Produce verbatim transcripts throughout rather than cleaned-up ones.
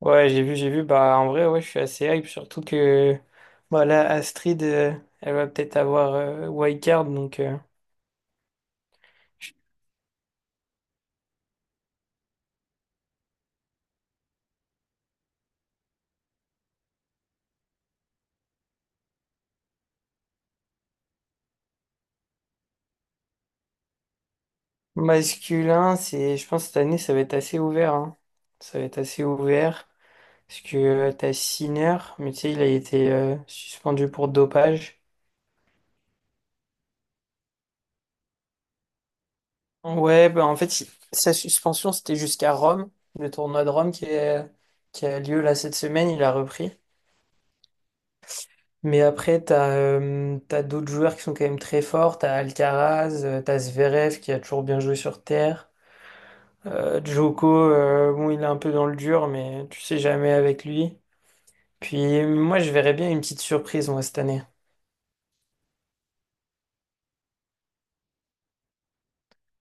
Ouais, j'ai vu, j'ai vu. Bah, en vrai, ouais, je suis assez hype, surtout que bah, là, Astrid, euh, elle va peut-être avoir euh, Wildcard, donc euh, masculin, c'est, je pense que cette année, ça va être assez ouvert, hein. Ça va être assez ouvert, parce que euh, t'as Sinner, mais tu sais, il a été euh, suspendu pour dopage. Ouais, bah, en fait, il- sa suspension, c'était jusqu'à Rome, le tournoi de Rome qui est- qui a lieu là cette semaine, il a repris. Mais après, t'as euh, t'as d'autres joueurs qui sont quand même très forts. T'as Alcaraz, euh, t'as Zverev qui a toujours bien joué sur terre. Euh, Djoko, euh, bon, il est un peu dans le dur, mais tu sais jamais avec lui. Puis moi, je verrais bien une petite surprise moi cette année.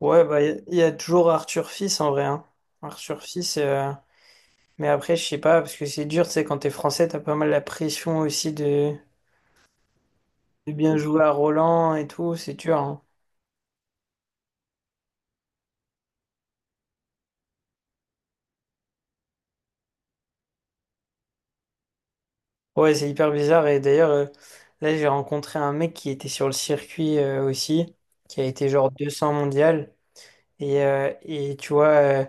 Ouais, bah il y, y a toujours Arthur Fils en vrai, hein. Arthur Fils, euh, mais après, je sais pas parce que c'est dur. Tu sais, quand t'es français, t'as pas mal la pression aussi de, de bien jouer à Roland et tout. C'est dur, hein. Ouais, c'est hyper bizarre. Et d'ailleurs, euh, là, j'ai rencontré un mec qui était sur le circuit euh, aussi, qui a été genre deux cents mondial. Et, euh, et tu vois, euh,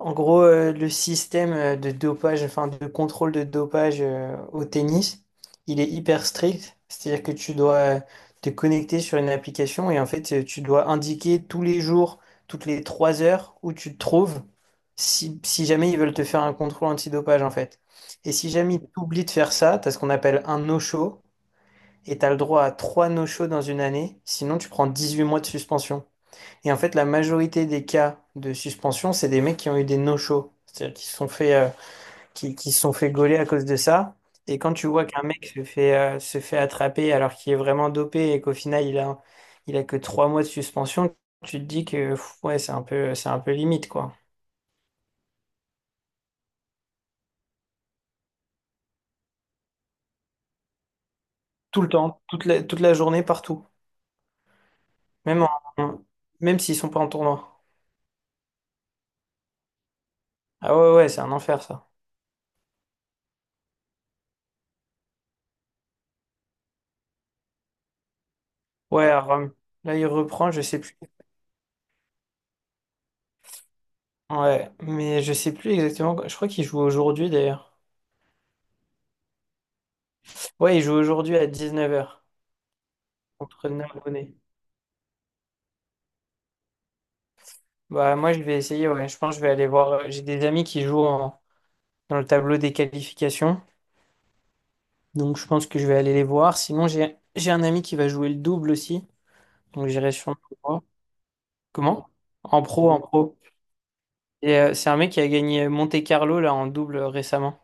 en gros, euh, le système euh, de dopage, enfin de contrôle de dopage euh, au tennis, il est hyper strict. C'est-à-dire que tu dois euh, te connecter sur une application et en fait, euh, tu dois indiquer tous les jours, toutes les trois heures où tu te trouves, si, si jamais ils veulent te faire un contrôle antidopage en fait. Et si jamais tu oublies de faire ça, tu as ce qu'on appelle un no-show et tu as le droit à trois no-shows dans une année. Sinon, tu prends dix-huit mois de suspension. Et en fait, la majorité des cas de suspension, c'est des mecs qui ont eu des no-shows. C'est-à-dire qui se sont fait, euh, qui, qui se sont fait gauler à cause de ça. Et quand tu vois qu'un mec se fait, euh, se fait attraper alors qu'il est vraiment dopé et qu'au final, il a, il a que trois mois de suspension, tu te dis que pff, ouais, c'est un peu, c'est un peu limite, quoi. Tout le temps, toute la, toute la journée, partout. Même en, même s'ils sont pas en tournoi. Ah ouais, ouais, c'est un enfer, ça. Ouais, à Rome. Là, il reprend, je sais plus. Ouais, mais je sais plus exactement. Je crois qu'il joue aujourd'hui, d'ailleurs. Ouais, il joue aujourd'hui à dix-neuf heures contre Narbonne. Bah, moi, je vais essayer, ouais. Je pense que je vais aller voir. euh, J'ai des amis qui jouent en- dans le tableau des qualifications. Donc, je pense que je vais aller les voir. Sinon, j'ai j'ai un ami qui va jouer le double aussi. Donc, j'irai sûrement le voir. Comment? En pro, en pro. Et euh, c'est un mec qui a gagné Monte-Carlo là en double euh, récemment.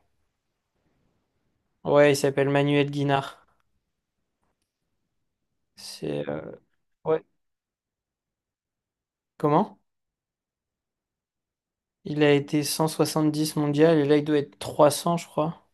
Ouais, il s'appelle Manuel Guinard. C'est. Euh, Ouais. Comment? Il a été cent soixante-dix mondial et là, il doit être trois cents, je crois.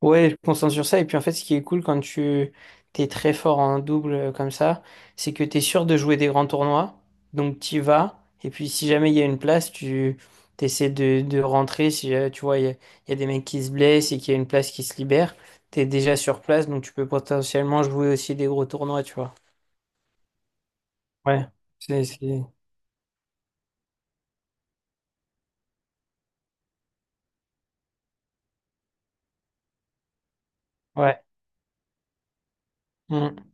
Ouais, je me concentre sur ça. Et puis en fait, ce qui est cool quand tu t'es très fort en double euh, comme ça, c'est que t'es sûr de jouer des grands tournois. Donc t'y vas. Et puis si jamais il y a une place, tu t'essaies de, de rentrer. Si euh, tu vois, il y, a il y a des mecs qui se blessent et qu'il y a une place qui se libère, t'es déjà sur place. Donc tu peux potentiellement jouer aussi des gros tournois, tu vois. Ouais. C'est, c'est... Ouais. Mm.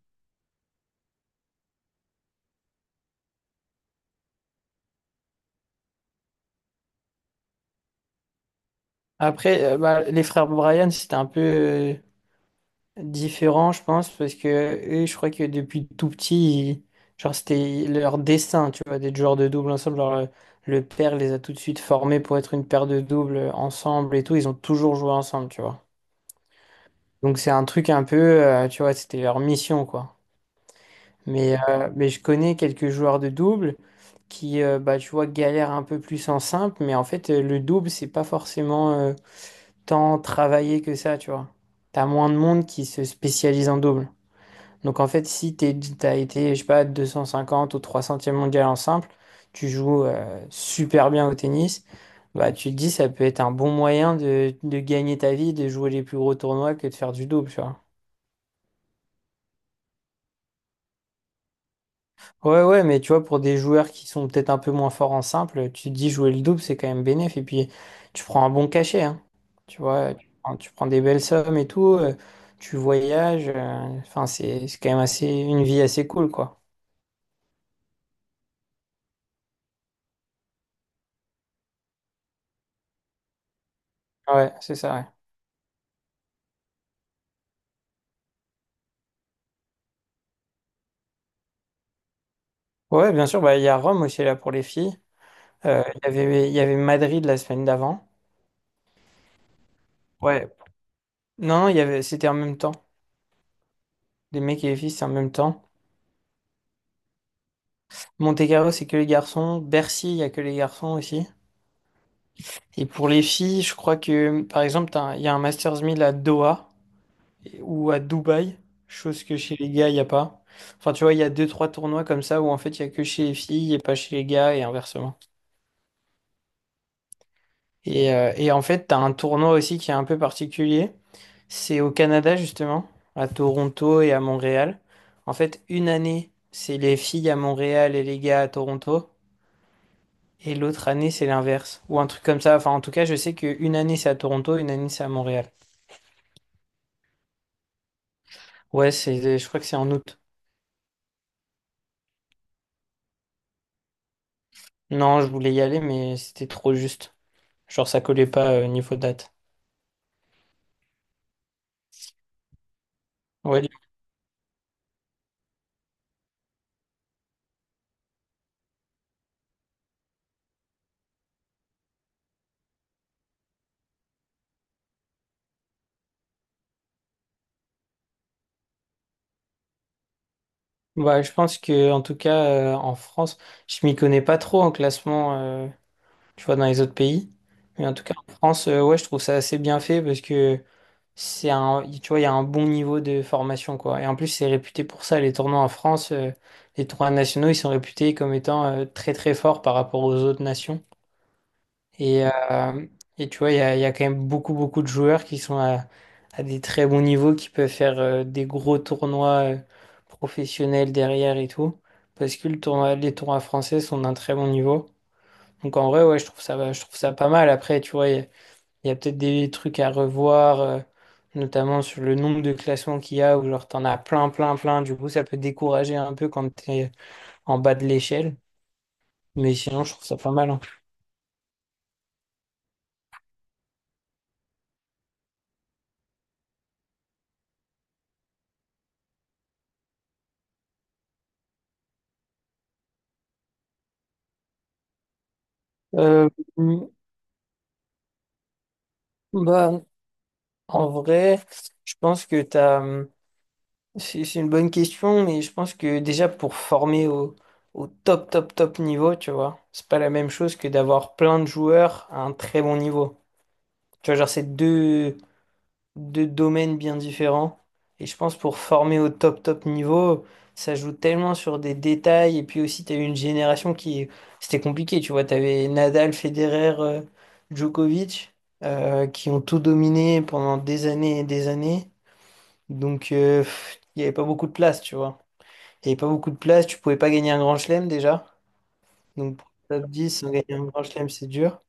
Après, euh, bah, les frères Bryan, c'était un peu, euh, Différent, je pense, parce que eux, je crois que depuis tout petit, ils- genre, c'était leur destin, tu vois, d'être joueurs de double ensemble. Genre, euh, le père les a tout de suite formés pour être une paire de doubles euh, ensemble et tout. Ils ont toujours joué ensemble, tu vois. Donc, c'est un truc un peu, euh, tu vois, c'était leur mission, quoi. Mais, euh, mais je connais quelques joueurs de double qui, euh, bah, tu vois, galèrent un peu plus en simple, mais en fait, euh, le double, c'est pas forcément euh, tant travaillé que ça, tu vois. T'as moins de monde qui se spécialise en double. Donc en fait, si t'es, t'as été, je sais pas, deux cent cinquante ou trois centième mondial en simple, tu joues euh, super bien au tennis, bah tu te dis ça peut être un bon moyen de, de gagner ta vie, de jouer les plus gros tournois que de faire du double, tu vois. Ouais, ouais, mais tu vois, pour des joueurs qui sont peut-être un peu moins forts en simple, tu te dis jouer le double, c'est quand même bénéf, et puis tu prends un bon cachet, hein. Tu vois, tu prends, tu prends des belles sommes et tout, euh, tu voyages, euh, enfin c'est c'est quand même assez une vie assez cool, quoi. Ouais, c'est ça, ouais. Ouais, bien sûr, bah, il y a Rome aussi là pour les filles. Euh, Il y avait, il y avait Madrid la semaine d'avant. Ouais. Non, non, il y avait, c'était en même temps. Les mecs et les filles, c'est en même temps. Monte-Carlo, c'est que les garçons. Bercy, il y a que les garçons aussi. Et pour les filles, je crois que, par exemple, t'as un- il y a un Masters mille à Doha et- ou à Dubaï, chose que chez les gars, il n'y a pas. Enfin, tu vois, il y a deux, trois tournois comme ça où en fait, il y a que chez les filles et pas chez les gars et inversement. Et, euh, et en fait, t'as un tournoi aussi qui est un peu particulier. C'est au Canada, justement, à Toronto et à Montréal. En fait, une année, c'est les filles à Montréal et les gars à Toronto. Et l'autre année, c'est l'inverse. Ou un truc comme ça. Enfin, en tout cas, je sais qu'une année, c'est à Toronto, une année, c'est à Montréal. Ouais, c'est, je crois que c'est en août. Non, je voulais y aller, mais c'était trop juste. Genre, ça collait pas au niveau date. Ouais, bah, je pense que, en tout cas, euh, en France, je m'y connais pas trop en classement. euh, tu vois, dans les autres pays. Mais en tout cas, en France, euh, ouais, je trouve ça assez bien fait parce que c'est un, tu vois, il y a un bon niveau de formation, quoi. Et en plus, c'est réputé pour ça. Les tournois en France, euh, les tournois nationaux, ils sont réputés comme étant euh, très, très forts par rapport aux autres nations. Et, euh, et tu vois, il y a, il y a quand même beaucoup, beaucoup de joueurs qui sont à, à des très bons niveaux, qui peuvent faire euh, des gros tournois euh, professionnels derrière et tout. Parce que le tournoi, les tournois français sont d'un très bon niveau. Donc en vrai, ouais, je trouve ça, va- je trouve ça pas mal. Après, tu vois, il y a, il y a peut-être des trucs à revoir, euh, notamment sur le nombre de classements qu'il y a, où genre t'en as plein, plein, plein. Du coup, ça peut décourager un peu quand t'es en bas de l'échelle. Mais sinon, je trouve ça pas mal, hein. Euh, mm, bah, en vrai, je pense que t'as, hum, c'est c'est une bonne question, mais je pense que déjà pour former au, au top, top, top niveau, tu vois, c'est pas la même chose que d'avoir plein de joueurs à un très bon niveau. Tu vois, genre, c'est deux deux domaines bien différents. Et je pense pour former au top top niveau, ça joue tellement sur des détails. Et puis aussi, tu as eu une génération qui... C'était compliqué, tu vois. Tu avais Nadal, Federer, euh, Djokovic, euh, qui ont tout dominé pendant des années et des années. Donc, euh, pff, il n'y avait pas beaucoup de place, tu vois. Il n'y avait pas beaucoup de place, tu pouvais pas gagner un grand chelem déjà. Donc, pour le top dix sans gagner un grand chelem, c'est dur.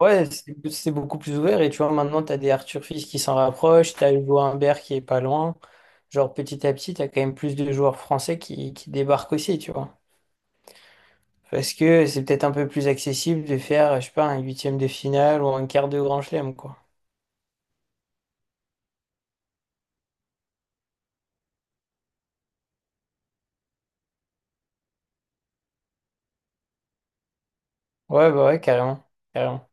Ouais, c'est c'est beaucoup plus ouvert et tu vois, maintenant, t'as des Arthur Fils qui s'en rapprochent, t'as Hugo Humbert qui est pas loin. Genre, petit à petit, t'as quand même plus de joueurs français qui, qui débarquent aussi, tu vois. Parce que c'est peut-être un peu plus accessible de faire, je sais pas, un huitième de finale ou un quart de grand chelem, quoi. Ouais, bah ouais, carrément. Carrément.